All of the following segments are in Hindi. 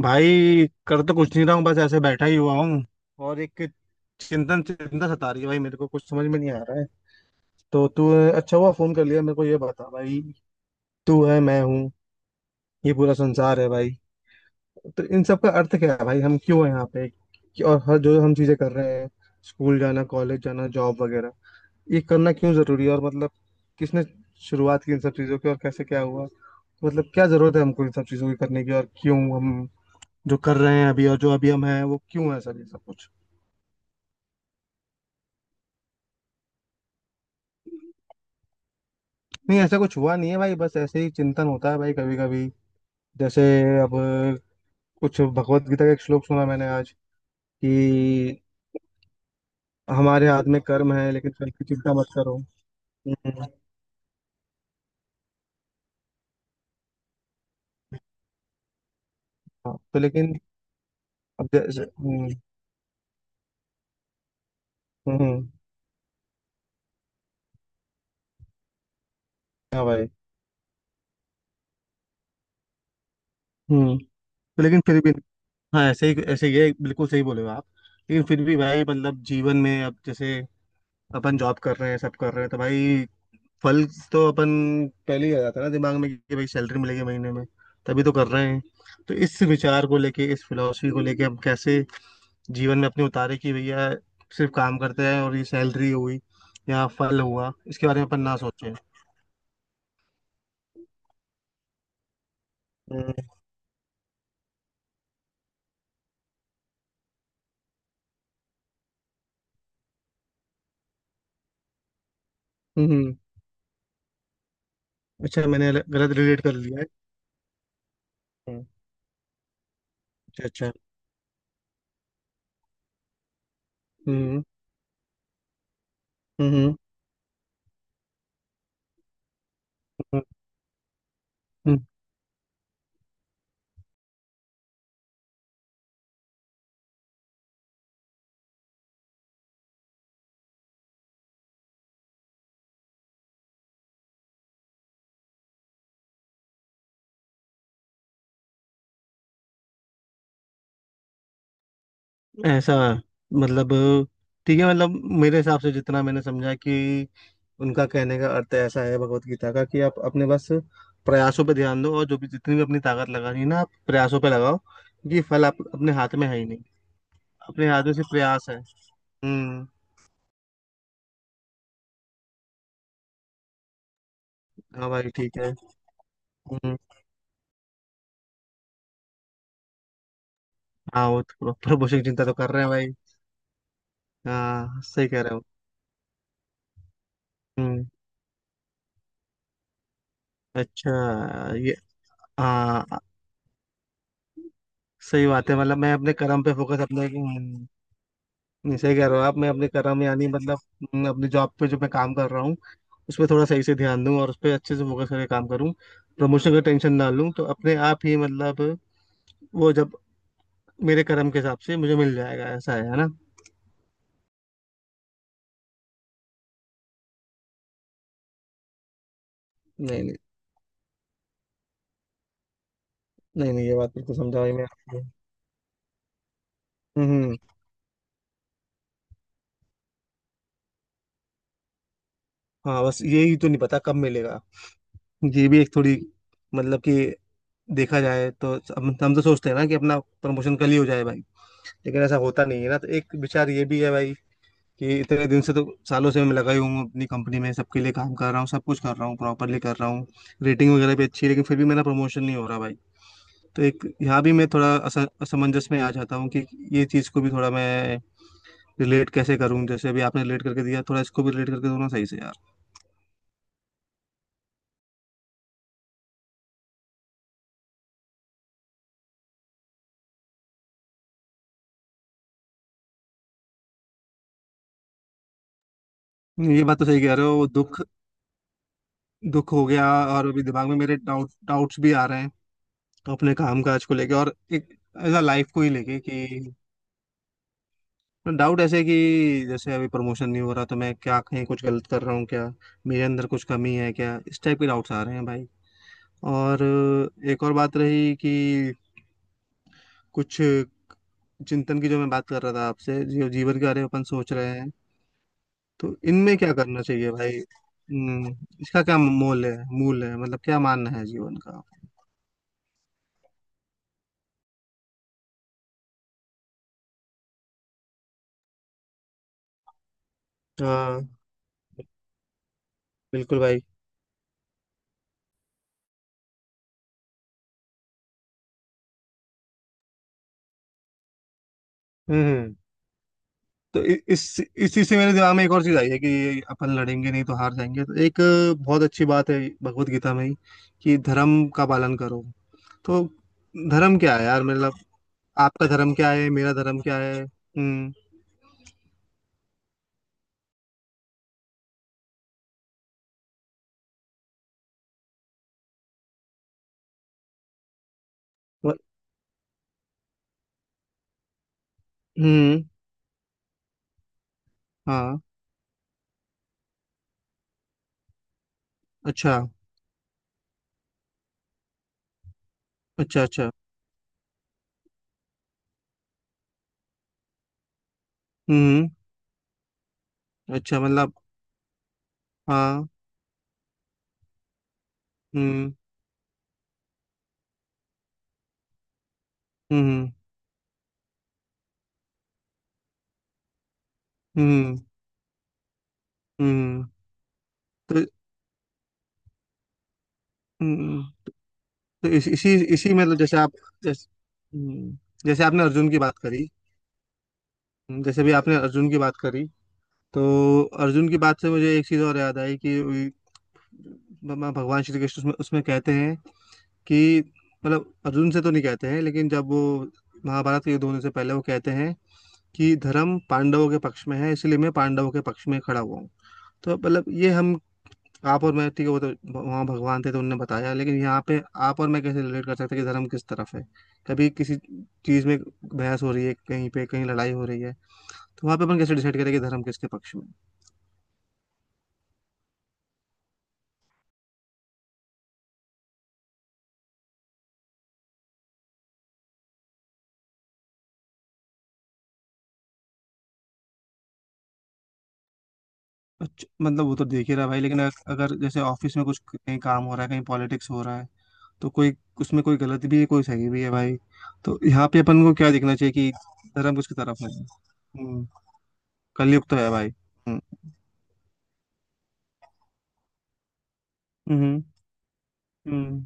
भाई कर तो कुछ नहीं रहा हूँ, बस ऐसे बैठा ही हुआ हूँ। और एक चिंतन चिंता सता रही है भाई, मेरे को कुछ समझ में नहीं आ रहा है। तो तू अच्छा हुआ फोन कर लिया, मेरे को ये बता भाई। तू है, मैं हूँ, ये पूरा संसार है भाई, तो इन सब का अर्थ क्या है भाई? हम क्यों है यहाँ पे और हर जो हम चीजें कर रहे हैं, स्कूल जाना, कॉलेज जाना, जॉब वगैरह, ये करना क्यों जरूरी है? और मतलब किसने शुरुआत की इन सब चीजों की और कैसे क्या हुआ? मतलब क्या जरूरत है हमको इन सब चीजों की करने की, और क्यों हम जो कर रहे हैं अभी, और जो अभी हम हैं वो क्यों है सर ये सब कुछ। नहीं, ऐसा कुछ हुआ नहीं है भाई, बस ऐसे ही चिंतन होता है भाई कभी कभी। जैसे अब, कुछ भगवत गीता का एक श्लोक सुना मैंने आज, कि हमारे हाथ में कर्म है लेकिन फल की चिंता मत करो। हम्म। हाँ, तो लेकिन अब जैसे हम्म। हम्म, हाँ भाई। हम्म। तो लेकिन फिर भी, हाँ ऐसे ही है, बिल्कुल सही बोले हो आप। लेकिन फिर भी भाई, मतलब जीवन में अब जैसे अपन जॉब कर रहे हैं, सब कर रहे हैं, तो भाई फल तो अपन पहले ही आ जाता है ना दिमाग में कि भाई सैलरी मिलेगी महीने में, तभी तो कर रहे हैं। तो इस विचार को लेके, इस फिलॉसफी को लेके, हम कैसे जीवन में अपने उतारे कि भैया सिर्फ काम करते हैं, और ये सैलरी हुई या फल हुआ इसके बारे में अपन ना सोचें। हम्म। हम्म, अच्छा मैंने गलत गलत रिलेट कर लिया है। हम्म, अच्छा अच्छा। हम्म। हम्म। हम्म, हम्म, ऐसा। मतलब ठीक है, मतलब मेरे हिसाब से जितना मैंने समझा कि उनका कहने का अर्थ ऐसा है भगवत गीता का कि आप अपने बस प्रयासों पे ध्यान दो, और जो भी जितनी भी अपनी ताकत लगा रही है ना आप प्रयासों पे लगाओ, क्योंकि फल आप अपने हाथ में है ही नहीं। अपने हाथ में सिर्फ प्रयास है। हम्म। हाँ भाई ठीक है। हम्म। हाँ वो तो प्रभु भविष्य की चिंता तो कर रहे हैं भाई। हाँ सही कह रहे हो। हम्म। अच्छा ये। हाँ सही बात है, मतलब मैं अपने कर्म पे फोकस अपने हम्म। नहीं, सही कह रहे हो आप, मैं अपने कर्म यानी मतलब अपनी जॉब पे जो मैं काम कर रहा हूँ उस पर थोड़ा सही से ध्यान दूँ, और उस पर अच्छे से फोकस करके काम करूँ, प्रमोशन का टेंशन ना लूँ, तो अपने आप ही मतलब वो जब मेरे कर्म के हिसाब से मुझे मिल जाएगा, ऐसा है ना। नहीं नहीं, नहीं नहीं, ये बात बिल्कुल समझाई मैं आपको। हम्म। हाँ बस यही तो नहीं पता कब मिलेगा। ये भी एक थोड़ी, मतलब कि देखा जाए तो हम तो सोचते हैं ना कि अपना प्रमोशन कल ही हो जाए भाई, लेकिन ऐसा होता नहीं है ना। तो एक विचार ये भी है भाई कि इतने दिन से, तो सालों से मैं लगाई हूँ अपनी कंपनी में, सबके लिए काम कर रहा हूँ, सब कुछ कर रहा हूँ, प्रॉपरली कर रहा हूँ, रेटिंग वगैरह भी अच्छी है, लेकिन फिर भी मेरा प्रमोशन नहीं हो रहा भाई। तो एक यहाँ भी मैं थोड़ा असमंजस में आ जाता हूँ कि ये चीज़ को भी थोड़ा मैं रिलेट कैसे करूँ? जैसे अभी आपने रिलेट करके दिया, थोड़ा इसको भी रिलेट करके दो ना सही से यार। ये बात तो सही कह रहे हो, दुख दुख हो गया। और अभी दिमाग में मेरे डाउट्स भी आ रहे हैं अपने काम काज को लेके, और एक एज लाइफ को ही लेके, कि डाउट ऐसे कि जैसे अभी प्रमोशन नहीं हो रहा तो मैं क्या कहीं कुछ गलत कर रहा हूँ क्या? मेरे अंदर कुछ कमी है क्या? इस टाइप के डाउट्स आ रहे हैं भाई। और एक और बात रही कि कुछ चिंतन की जो मैं बात कर रहा था आपसे, जो जीवन के बारे में अपन सोच रहे हैं, तो इनमें क्या करना चाहिए भाई? हम्म, इसका क्या मोल है मूल है, मतलब क्या मानना है जीवन का? हाँ बिल्कुल भाई। हम्म। तो इ- इस इसी से मेरे दिमाग में एक और चीज आई है कि अपन लड़ेंगे नहीं तो हार जाएंगे। तो एक बहुत अच्छी बात है भगवत गीता में ही, कि धर्म का पालन करो। तो धर्म क्या है यार, मतलब आपका धर्म क्या है, मेरा धर्म क्या है? हम्म। व- हम्म। हाँ अच्छा अच्छा। अच्छा। हम्म। अच्छा मतलब हाँ। हम्म। हम्म। हम्म। हम्म। तो हम्म। तो इस, इसी इसी मतलब जैसे आप, जैसे हम्म। जैसे आपने अर्जुन की बात करी। जैसे भी आपने अर्जुन की बात करी, तो अर्जुन की बात से मुझे एक चीज और याद आई कि भगवान भगवान श्री कृष्ण उसमें कहते हैं कि मतलब अर्जुन से तो नहीं कहते हैं, लेकिन जब वो महाभारत के युद्ध होने से पहले वो कहते हैं कि धर्म पांडवों के पक्ष में है, इसलिए मैं पांडवों के पक्ष में खड़ा हुआ हूँ। तो मतलब ये हम, आप और मैं, ठीक है वो तो वहाँ भगवान थे तो उनने बताया, लेकिन यहाँ पे आप और मैं कैसे रिलेट कर सकते हैं कि धर्म किस तरफ है? कभी किसी चीज में बहस हो रही है कहीं पे, कहीं लड़ाई हो रही है, तो वहाँ पे अपन कैसे डिसाइड करें कि धर्म किसके पक्ष में है? अच्छा, मतलब वो तो देख ही रहा है भाई, लेकिन अगर अगर जैसे ऑफिस में कुछ कहीं काम हो रहा है, कहीं पॉलिटिक्स हो रहा है, तो कोई उसमें कोई गलत भी है कोई सही भी है भाई, तो यहाँ पे अपन को क्या देखना चाहिए कि धर्म किसकी तरफ है? हम्म। कलयुग तो है भाई। हम्म। हम्म। हम्म।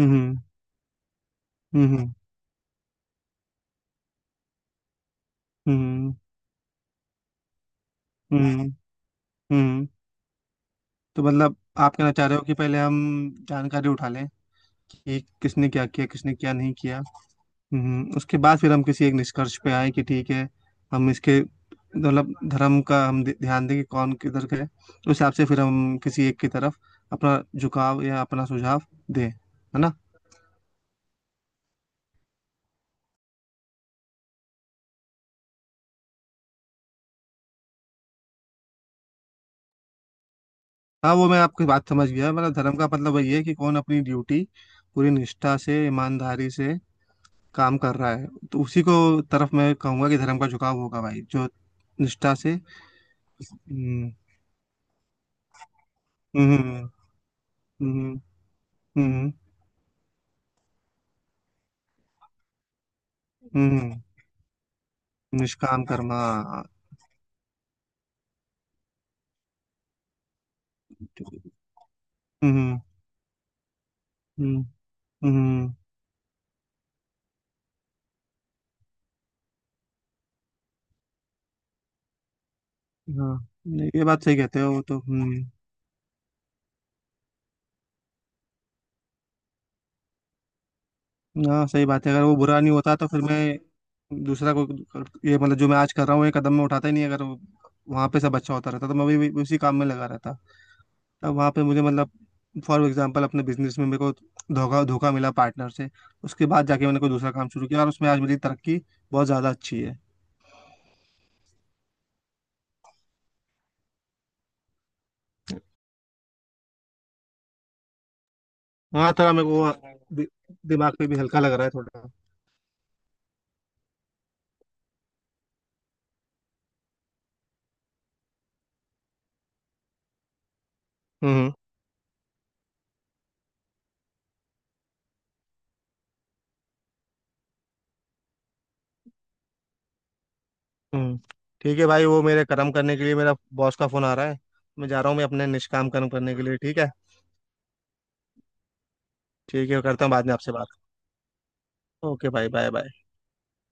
हम्म। हम्म। हम्म। हम्म, हम्म। हम्म। तो मतलब आप कहना चाह रहे हो कि पहले हम जानकारी उठा लें कि किसने क्या किया, किसने क्या नहीं किया। उसके बाद फिर हम किसी एक निष्कर्ष पे आए कि ठीक है, हम इसके मतलब धर्म का हम ध्यान दें कि कौन किधर का है। उस हिसाब से फिर हम किसी एक की तरफ अपना झुकाव या अपना सुझाव दें, है ना? हाँ, वो मैं आपकी बात समझ गया, मतलब धर्म का मतलब वही है कि कौन अपनी ड्यूटी पूरी निष्ठा से, ईमानदारी से काम कर रहा है, तो उसी को तरफ मैं कहूंगा कि धर्म का झुकाव होगा भाई, जो निष्ठा से। हम्म। हम्म। हम्म। हम्म। हम्म। हम्म, निष्काम कर्मा। हम्म। हम्म। हम्म। हाँ। नहीं, ये बात सही कहते हो वो तो। हम्म। हाँ सही बात है, अगर वो बुरा नहीं होता तो फिर मैं दूसरा को, ये मतलब जो मैं आज कर रहा हूँ ये कदम मैं उठाता ही नहीं, अगर वहाँ पे सब अच्छा होता रहता तो मैं भी उसी काम में लगा रहता। तब वहाँ पे मुझे मतलब, फॉर एग्जांपल अपने बिजनेस में मेरे को धोखा धोखा मिला पार्टनर से, उसके बाद जाके मैंने कोई दूसरा काम शुरू किया और उसमें आज मेरी तरक्की बहुत ज़्यादा अच्छी है। हाँ थोड़ा मेरे को दिमाग पे भी हल्का लग रहा है थोड़ा। हम्म। हम्म। ठीक है भाई, वो मेरे कर्म करने के लिए मेरा बॉस का फोन आ रहा है, मैं जा रहा हूँ मैं अपने निष्काम कर्म करने के लिए, ठीक है। ठीक है करता हूँ बाद में आपसे बात। ओके भाई, बाय बाय।